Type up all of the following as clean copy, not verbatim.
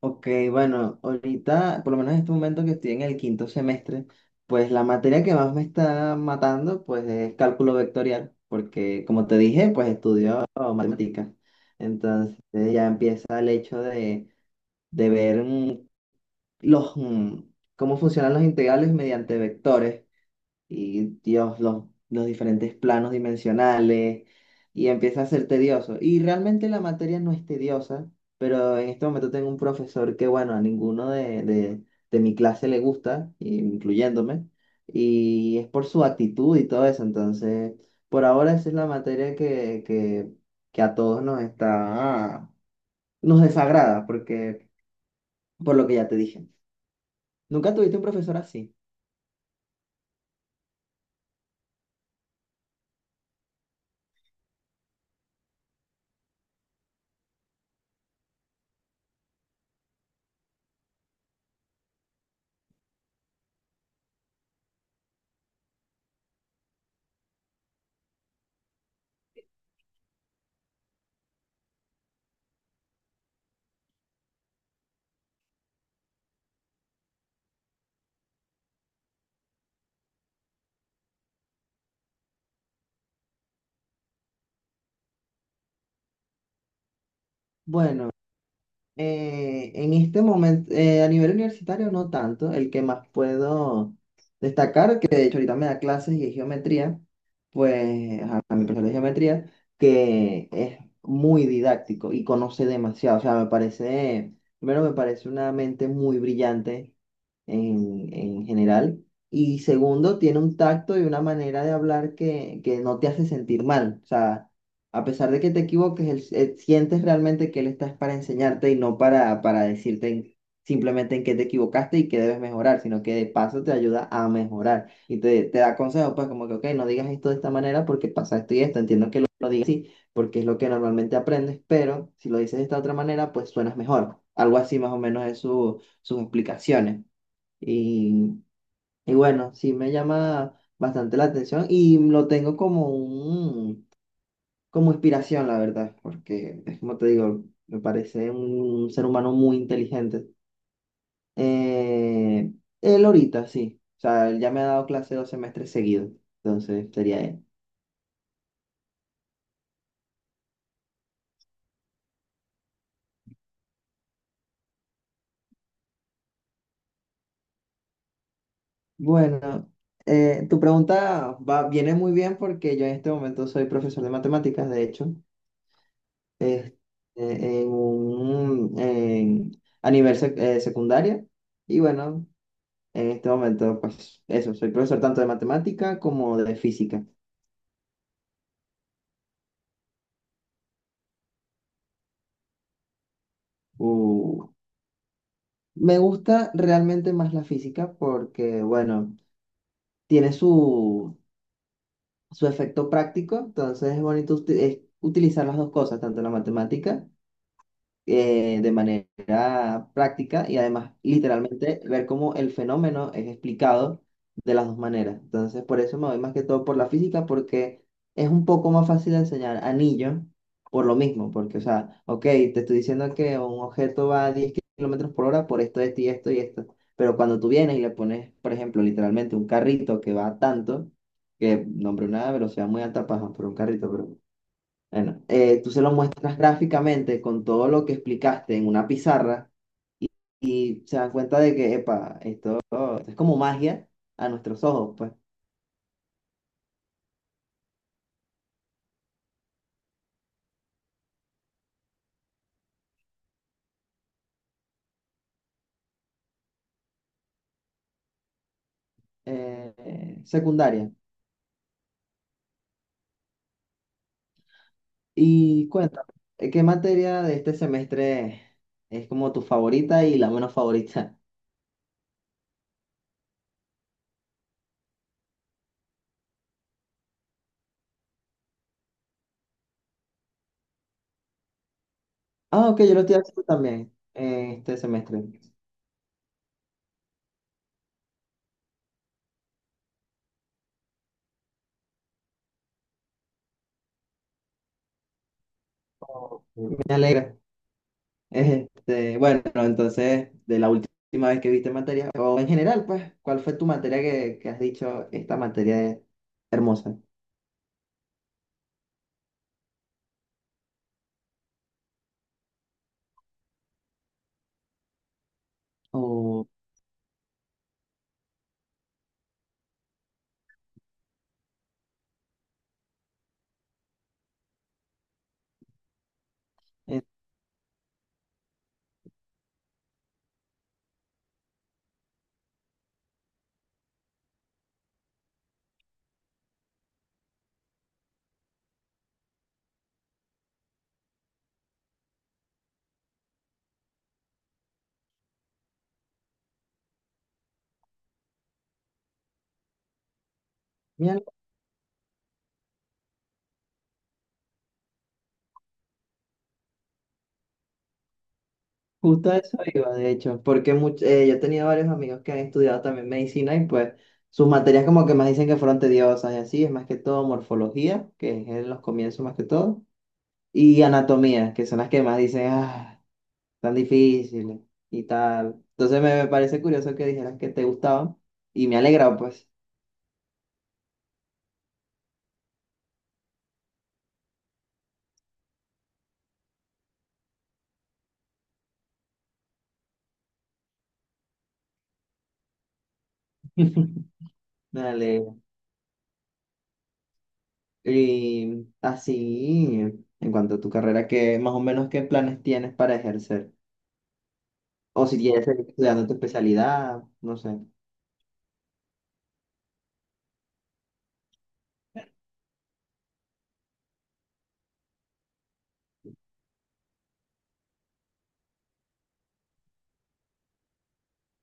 Ok, bueno, ahorita, por lo menos en este momento que estoy en el quinto semestre, pues la materia que más me está matando, pues es cálculo vectorial, porque como te dije, pues estudio matemáticas. Entonces ya empieza el hecho de ver los, mm, cómo funcionan los integrales mediante vectores y Dios, los diferentes planos dimensionales, y empieza a ser tedioso. Y realmente la materia no es tediosa, pero en este momento tengo un profesor que, bueno, a ninguno de mi clase le gusta, incluyéndome, y es por su actitud y todo eso. Entonces, por ahora esa es la materia que a todos nos está, nos desagrada, porque, por lo que ya te dije. ¿Nunca tuviste un profesor así? Bueno. En este momento, a nivel universitario no tanto, el que más puedo destacar, que de hecho ahorita me da clases y es geometría, pues a mi profesor de geometría, que es muy didáctico y conoce demasiado, o sea, me parece, primero me parece una mente muy brillante en general, y segundo, tiene un tacto y una manera de hablar que no te hace sentir mal, o sea, a pesar de que te equivoques, él, sientes realmente que él está es para enseñarte y no para simplemente en qué te equivocaste y qué debes mejorar, sino que de paso te ayuda a mejorar y te da consejos, pues como que, ok, no digas esto de esta manera porque pasa esto y esto, entiendo que lo digas así porque es lo que normalmente aprendes, pero si lo dices de esta otra manera, pues suenas mejor. Algo así más o menos es sus explicaciones. Y, y bueno, sí me llama bastante la atención y lo tengo como un como inspiración, la verdad, porque es como te digo, me parece un ser humano muy inteligente. Eh, él ahorita, sí. O sea, él ya me ha dado clase dos semestres seguidos, entonces sería él. Bueno, tu pregunta va, viene muy bien porque yo en este momento soy profesor de matemáticas, de hecho, es- en a nivel secundaria. Y bueno, en este momento, pues eso, soy profesor tanto de matemática como de física. Uh, Me gusta realmente más la física porque, bueno, tiene su efecto práctico, entonces es bonito es utilizar las dos cosas, tanto la matemática de manera práctica y además literalmente ver cómo el fenómeno es explicado de las dos maneras. Entonces, por eso me voy más que todo por la física, porque es un poco más fácil de enseñar anillo por lo mismo, porque, o sea, ok, te estoy diciendo que un objeto va a 10 kilómetros por hora por esto, esto y esto y esto, pero cuando tú vienes y le pones, por ejemplo, literalmente un carrito que va a tanto, que nombre una velocidad muy alta, paja, por un carrito, pero bueno, tú se lo muestras gráficamente con todo lo que explicaste en una pizarra y, y se dan cuenta de que, epa, esto es como magia a nuestros ojos, pues, secundaria. Y cuéntame, ¿qué materia de este semestre es como tu favorita y la menos favorita? Ah, ok, yo lo estoy haciendo también, este semestre. Me alegra. Este, bueno, entonces, de la última vez que viste materia, o en general, pues, ¿cuál fue tu materia que has dicho, esta materia es hermosa? O, eh, mira, justo a eso iba, de hecho, porque yo he tenido varios amigos que han estudiado también medicina y pues sus materias como que más dicen que fueron tediosas y así, es más que todo morfología, que es en los comienzos más que todo, y anatomía, que son las que más dicen, ah, tan difíciles y tal. Entonces me parece curioso que dijeras que te gustaban y me alegra, pues. Me alegra. Y así, en cuanto a tu carrera, ¿qué más o menos qué planes tienes para ejercer? O si quieres seguir estudiando tu especialidad, no sé.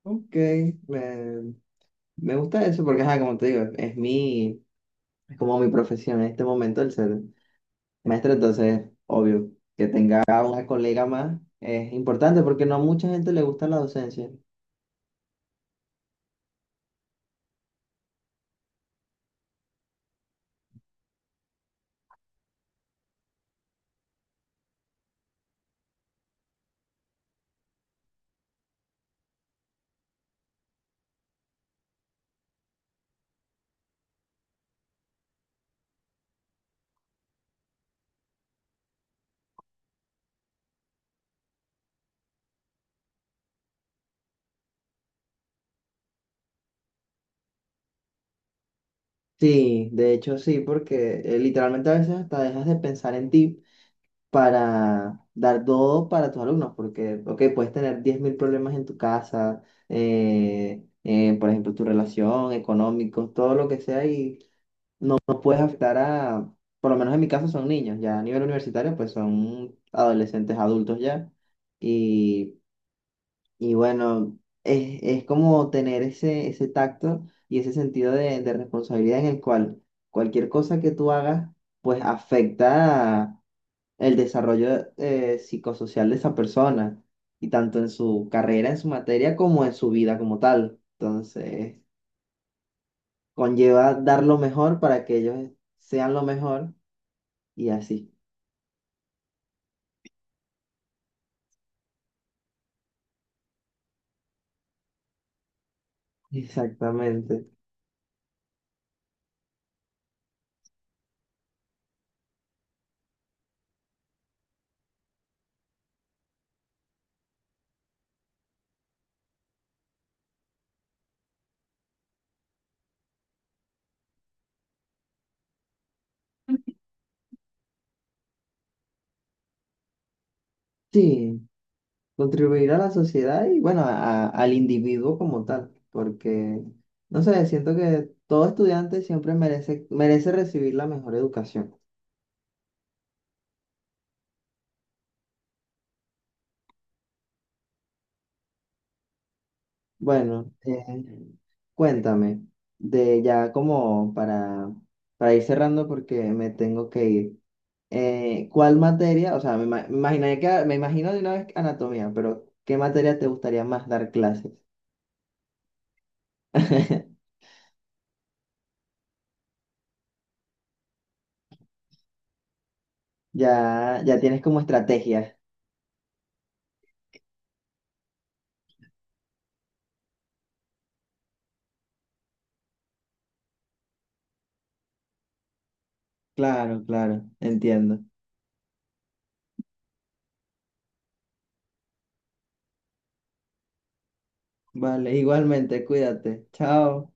Ok, me, me gusta eso porque, ajá, como te digo, es mi, es como mi profesión en este momento el ser maestro, entonces, obvio, que tenga una colega más es importante porque no a mucha gente le gusta la docencia. Sí, de hecho sí, porque literalmente a veces hasta dejas de pensar en ti para dar todo para tus alumnos, porque, ok, puedes tener 10.000 problemas en tu casa, por ejemplo, tu relación, económicos, todo lo que sea, y no puedes afectar a, por lo menos en mi caso son niños, ya a nivel universitario, pues son adolescentes, adultos ya, y bueno, es como tener ese tacto y ese sentido de responsabilidad en el cual cualquier cosa que tú hagas, pues afecta el desarrollo psicosocial de esa persona, y tanto en su carrera, en su materia, como en su vida como tal. Entonces, conlleva dar lo mejor para que ellos sean lo mejor y así. Exactamente. Sí, contribuir a la sociedad y bueno, al individuo como tal, porque, no sé, siento que todo estudiante siempre merece, merece recibir la mejor educación. Bueno, cuéntame, de ya como para ir cerrando porque me tengo que ir, ¿cuál materia, o sea, me imaginé que, me imagino de una vez anatomía, pero ¿qué materia te gustaría más dar clases? Ya, ya tienes como estrategia. Claro, claro, entiendo. Vale, igualmente, cuídate. Chao.